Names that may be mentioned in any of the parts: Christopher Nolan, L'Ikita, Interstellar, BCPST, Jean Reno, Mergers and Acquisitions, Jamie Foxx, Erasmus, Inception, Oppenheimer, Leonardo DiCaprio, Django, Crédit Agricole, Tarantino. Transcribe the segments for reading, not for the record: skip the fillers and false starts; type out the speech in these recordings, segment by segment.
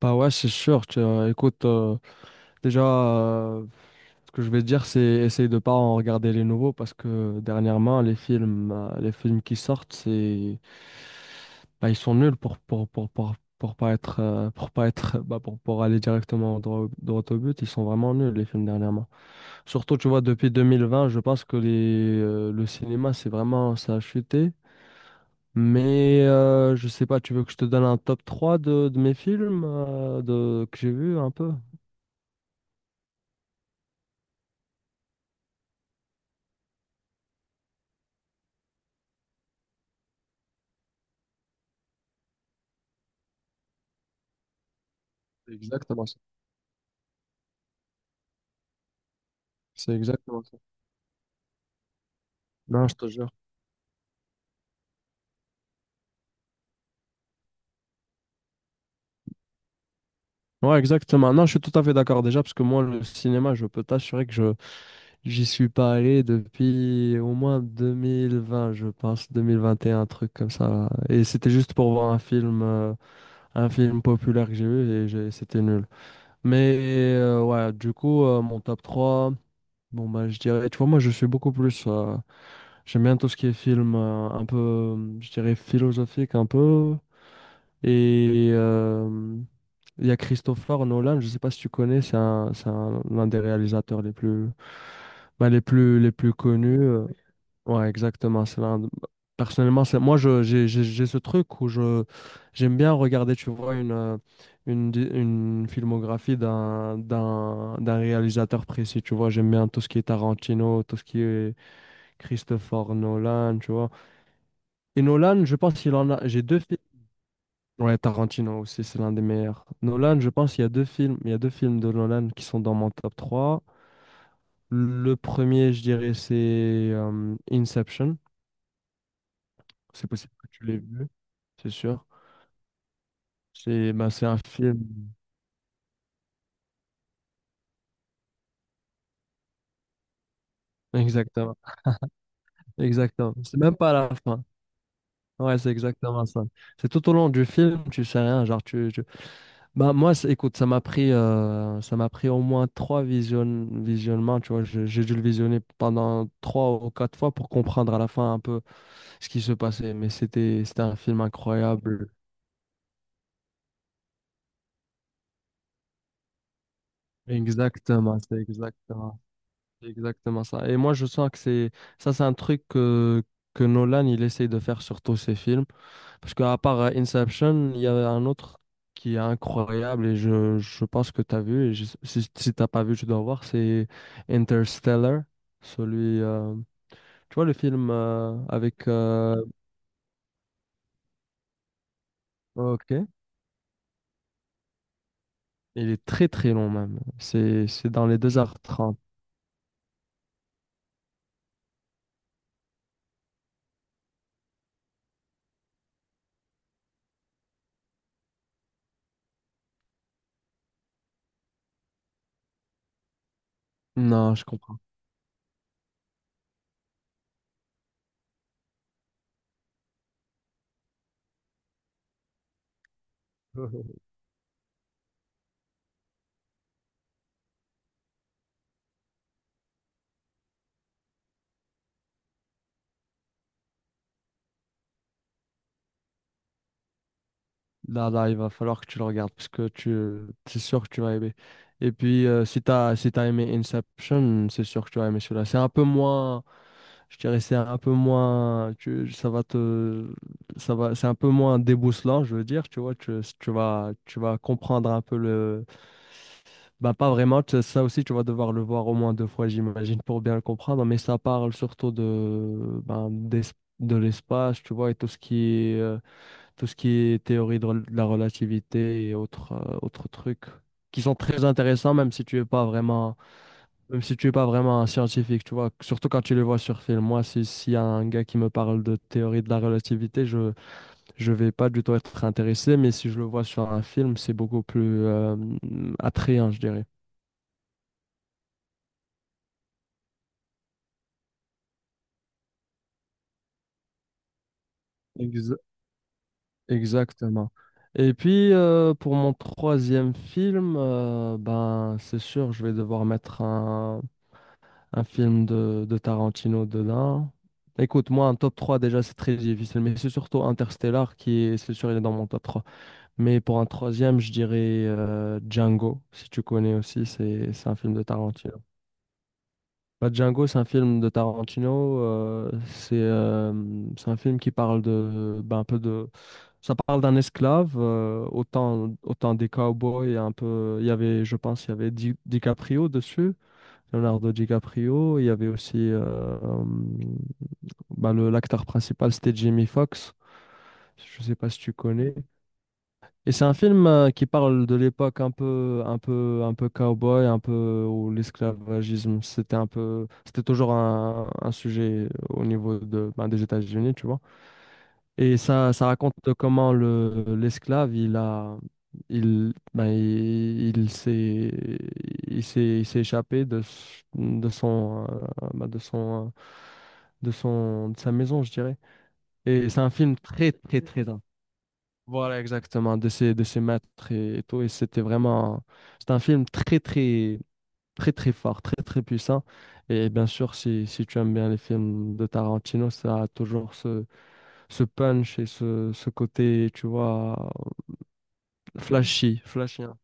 Bah ouais, c'est sûr. Écoute, déjà, ce que je vais te dire, c'est essaye de pas en regarder les nouveaux parce que dernièrement, les films qui sortent, c'est, bah, ils sont nuls pour pas être, pour pas être bah, pour aller directement droit, droit au but. Ils sont vraiment nuls les films dernièrement. Surtout, tu vois, depuis 2020, je pense que les le cinéma, c'est vraiment, ça a chuté. Mais je sais pas, tu veux que je te donne un top 3 de mes films, que j'ai vu un peu? C'est exactement ça. C'est exactement ça. Non, je te jure. Ouais, exactement. Non, je suis tout à fait d'accord déjà, parce que moi, le cinéma, je peux t'assurer que je j'y suis pas allé depuis au moins 2020, je pense, 2021, un truc comme ça. Et c'était juste pour voir un film populaire que j'ai vu et c'était nul. Mais ouais, du coup, mon top trois, bon, bah, je dirais, tu vois, moi, je suis beaucoup plus, j'aime bien tout ce qui est film, un peu, je dirais, philosophique, un peu. Et euh, il y a Christopher Nolan, je ne sais pas si tu connais, l'un des réalisateurs les plus, bah, les plus connus. Ouais, exactement. Personnellement, c'est moi, j'ai ce truc où je, j'aime bien regarder, tu vois, une filmographie d'un réalisateur précis. Tu vois, j'aime bien tout ce qui est Tarantino, tout ce qui est Christopher Nolan, tu vois. Et Nolan, je pense qu'il en a. J'ai deux films. Ouais, Tarantino aussi, c'est l'un des meilleurs. Nolan, je pense, il y a deux films de Nolan qui sont dans mon top 3. Le premier, je dirais, c'est Inception. C'est possible que tu l'aies vu, c'est sûr. C'est un film. Exactement. Exactement. C'est même pas à la fin. Ouais, c'est exactement ça. C'est tout au long du film, tu sais rien. Bah, moi, écoute, ça m'a pris au moins trois visionnements. Tu vois, j'ai dû le visionner pendant 3 ou 4 fois pour comprendre à la fin un peu ce qui se passait, mais c'était un film incroyable. Exactement, c'est exactement ça. Et moi, je sens que c'est ça, c'est un truc que Nolan il essaye de faire sur tous ses films, parce qu'à part Inception, il y avait un autre qui est incroyable et je pense que tu as vu. Si t'as pas vu, tu dois voir. C'est Interstellar, celui. Tu vois le film, avec... Ok. Il est très très long même. C'est dans les 2h30. Non, je comprends. Là, là, il va falloir que tu le regardes parce que tu, c'est sûr que tu vas aimer. Et puis, si t'as aimé Inception, c'est sûr que tu vas aimer celui-là. C'est un peu moins, je dirais, c'est un peu moins, tu, ça va te, ça va, c'est un peu moins déboussolant, je veux dire, tu vois, tu, si tu vas, tu vas comprendre un peu le, bah, pas vraiment, ça aussi, tu vas devoir le voir au moins 2 fois, j'imagine, pour bien le comprendre, mais ça parle surtout de, ben, de l'espace, tu vois, et est. euh, tout ce qui est théorie de la relativité et autres, autres trucs qui sont très intéressants, même si tu es pas vraiment un scientifique, tu vois. Surtout quand tu les vois sur film. Moi, si, s'il y a un gars qui me parle de théorie de la relativité, je vais pas du tout être intéressé, mais si je le vois sur un film, c'est beaucoup plus, attrayant, je dirais. Exa- Exactement. Et puis pour mon troisième film, ben c'est sûr, je vais devoir mettre un film de Tarantino dedans. Écoute, moi, un top 3 déjà, c'est très difficile, mais c'est surtout Interstellar qui est, c'est sûr, il est dans mon top 3. Mais pour un troisième, je dirais Django, si tu connais aussi, c'est un film de Tarantino. Bah, Django, c'est un film de Tarantino, c'est un film qui parle de, ben, un peu de, ça parle d'un esclave, autant des cowboys, un peu, il y avait, je pense, il y avait DiCaprio dessus. Leonardo DiCaprio. Il y avait aussi bah, l'acteur principal, c'était Jamie Foxx. Je sais pas si tu connais. Et c'est un film qui parle de l'époque un peu cowboy, un peu où l'esclavagisme, c'était toujours un sujet au niveau de, ben, des États-Unis, tu vois. Et ça raconte comment l'esclave, il a, il, ben, il s'est, il s'est, il s'est échappé de, s- de son, ben, de son, de son, de sa maison, je dirais. Et c'est un film très, très, très intense. Voilà, exactement, de de ses maîtres et tout. C'est un film très, très, très, très fort, très, très puissant. Et bien sûr, si tu aimes bien les films de Tarantino, ça a toujours ce punch et ce côté, tu vois, flashy, flashy, hein.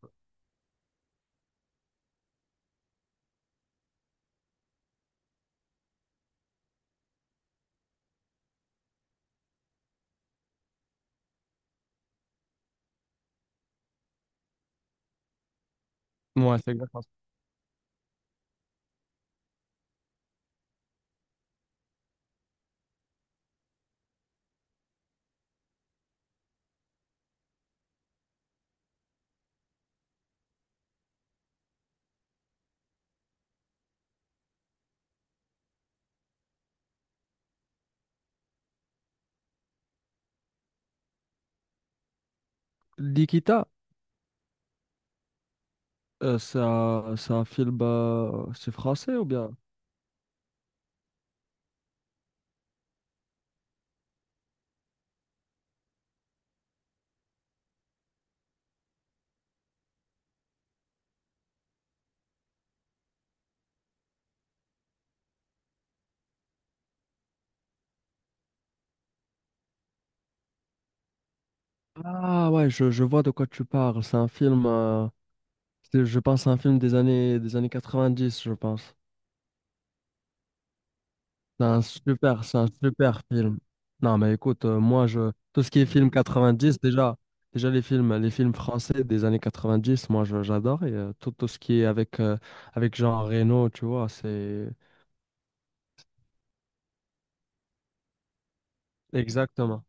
Ouais, c'est exactement ça. L'Ikita, euh, c'est c'est un film, c'est français ou bien? Ah ouais, je vois de quoi tu parles. C'est un film, je pense, un film des années 90, je pense. C'est un super film. Non, mais écoute, moi, je, tout ce qui est film dix, déjà les films français des années 90, moi, j'adore. Tout ce qui est avec Jean Reno, tu vois, c'est... Exactement.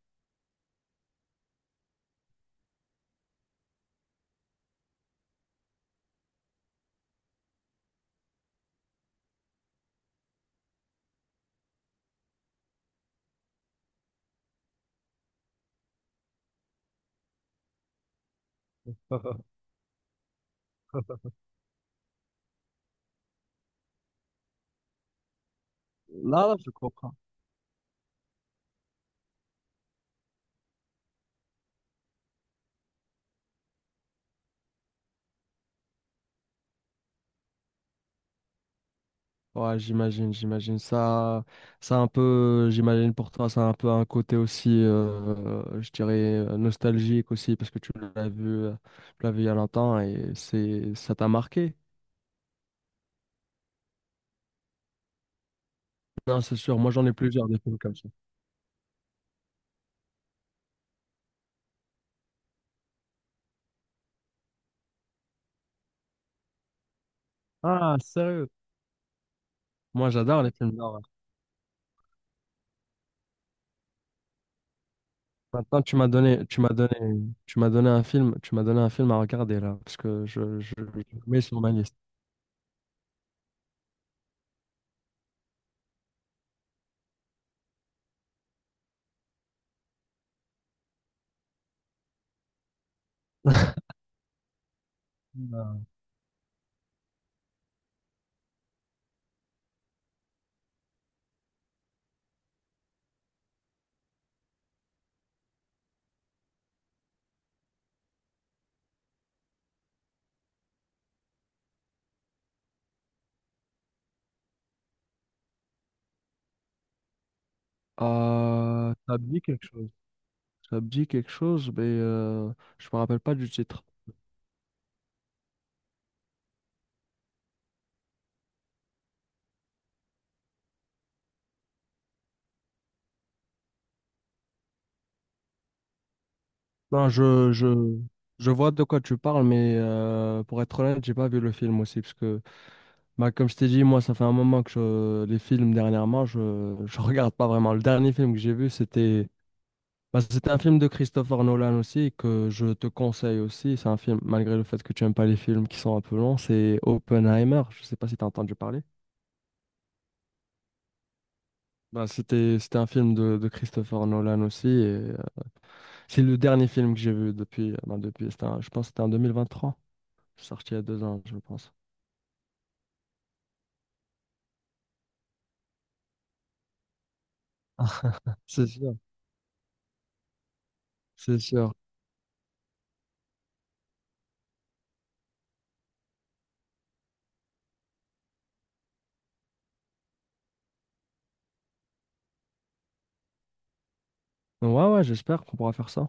Là, là, je comprends. Ouais, j'imagine. Ça, j'imagine pour toi, ça a un peu un côté aussi, je dirais, nostalgique aussi, parce que l'as vu, euh, tu l'as vu il y a longtemps et ça t'a marqué. Non, c'est sûr. Moi, j'en ai plusieurs des films comme ça. Ah, sérieux? Moi, j'adore les films d'horreur. Maintenant, tu m'as donné, tu m'as donné, tu m'as donné un film, tu m'as donné un film à regarder là, parce que je le mets sur ma liste. Euh, Ça me dit quelque chose. Ça me dit quelque chose, mais je me rappelle pas du titre. Non, je vois de quoi tu parles, mais pour être honnête, j'ai pas vu le film aussi, parce que, bah, comme je t'ai dit, moi, ça fait un moment que les films dernièrement, je regarde pas vraiment. Le dernier film que j'ai vu, c'était... Bah, c'est un film de Christopher Nolan aussi que je te conseille aussi. C'est un film, malgré le fait que tu n'aimes pas les films qui sont un peu longs, c'est Oppenheimer. Je ne sais pas si tu as entendu parler. Bah, c'était un film de Christopher Nolan aussi. Et, euh, c'est le dernier film que j'ai vu depuis, bah, depuis, je pense que c'était en 2023. C'est sorti il y a 2 ans, je pense. C'est sûr, c'est sûr. Donc, ouais, ouais, j'espère qu'on pourra faire ça.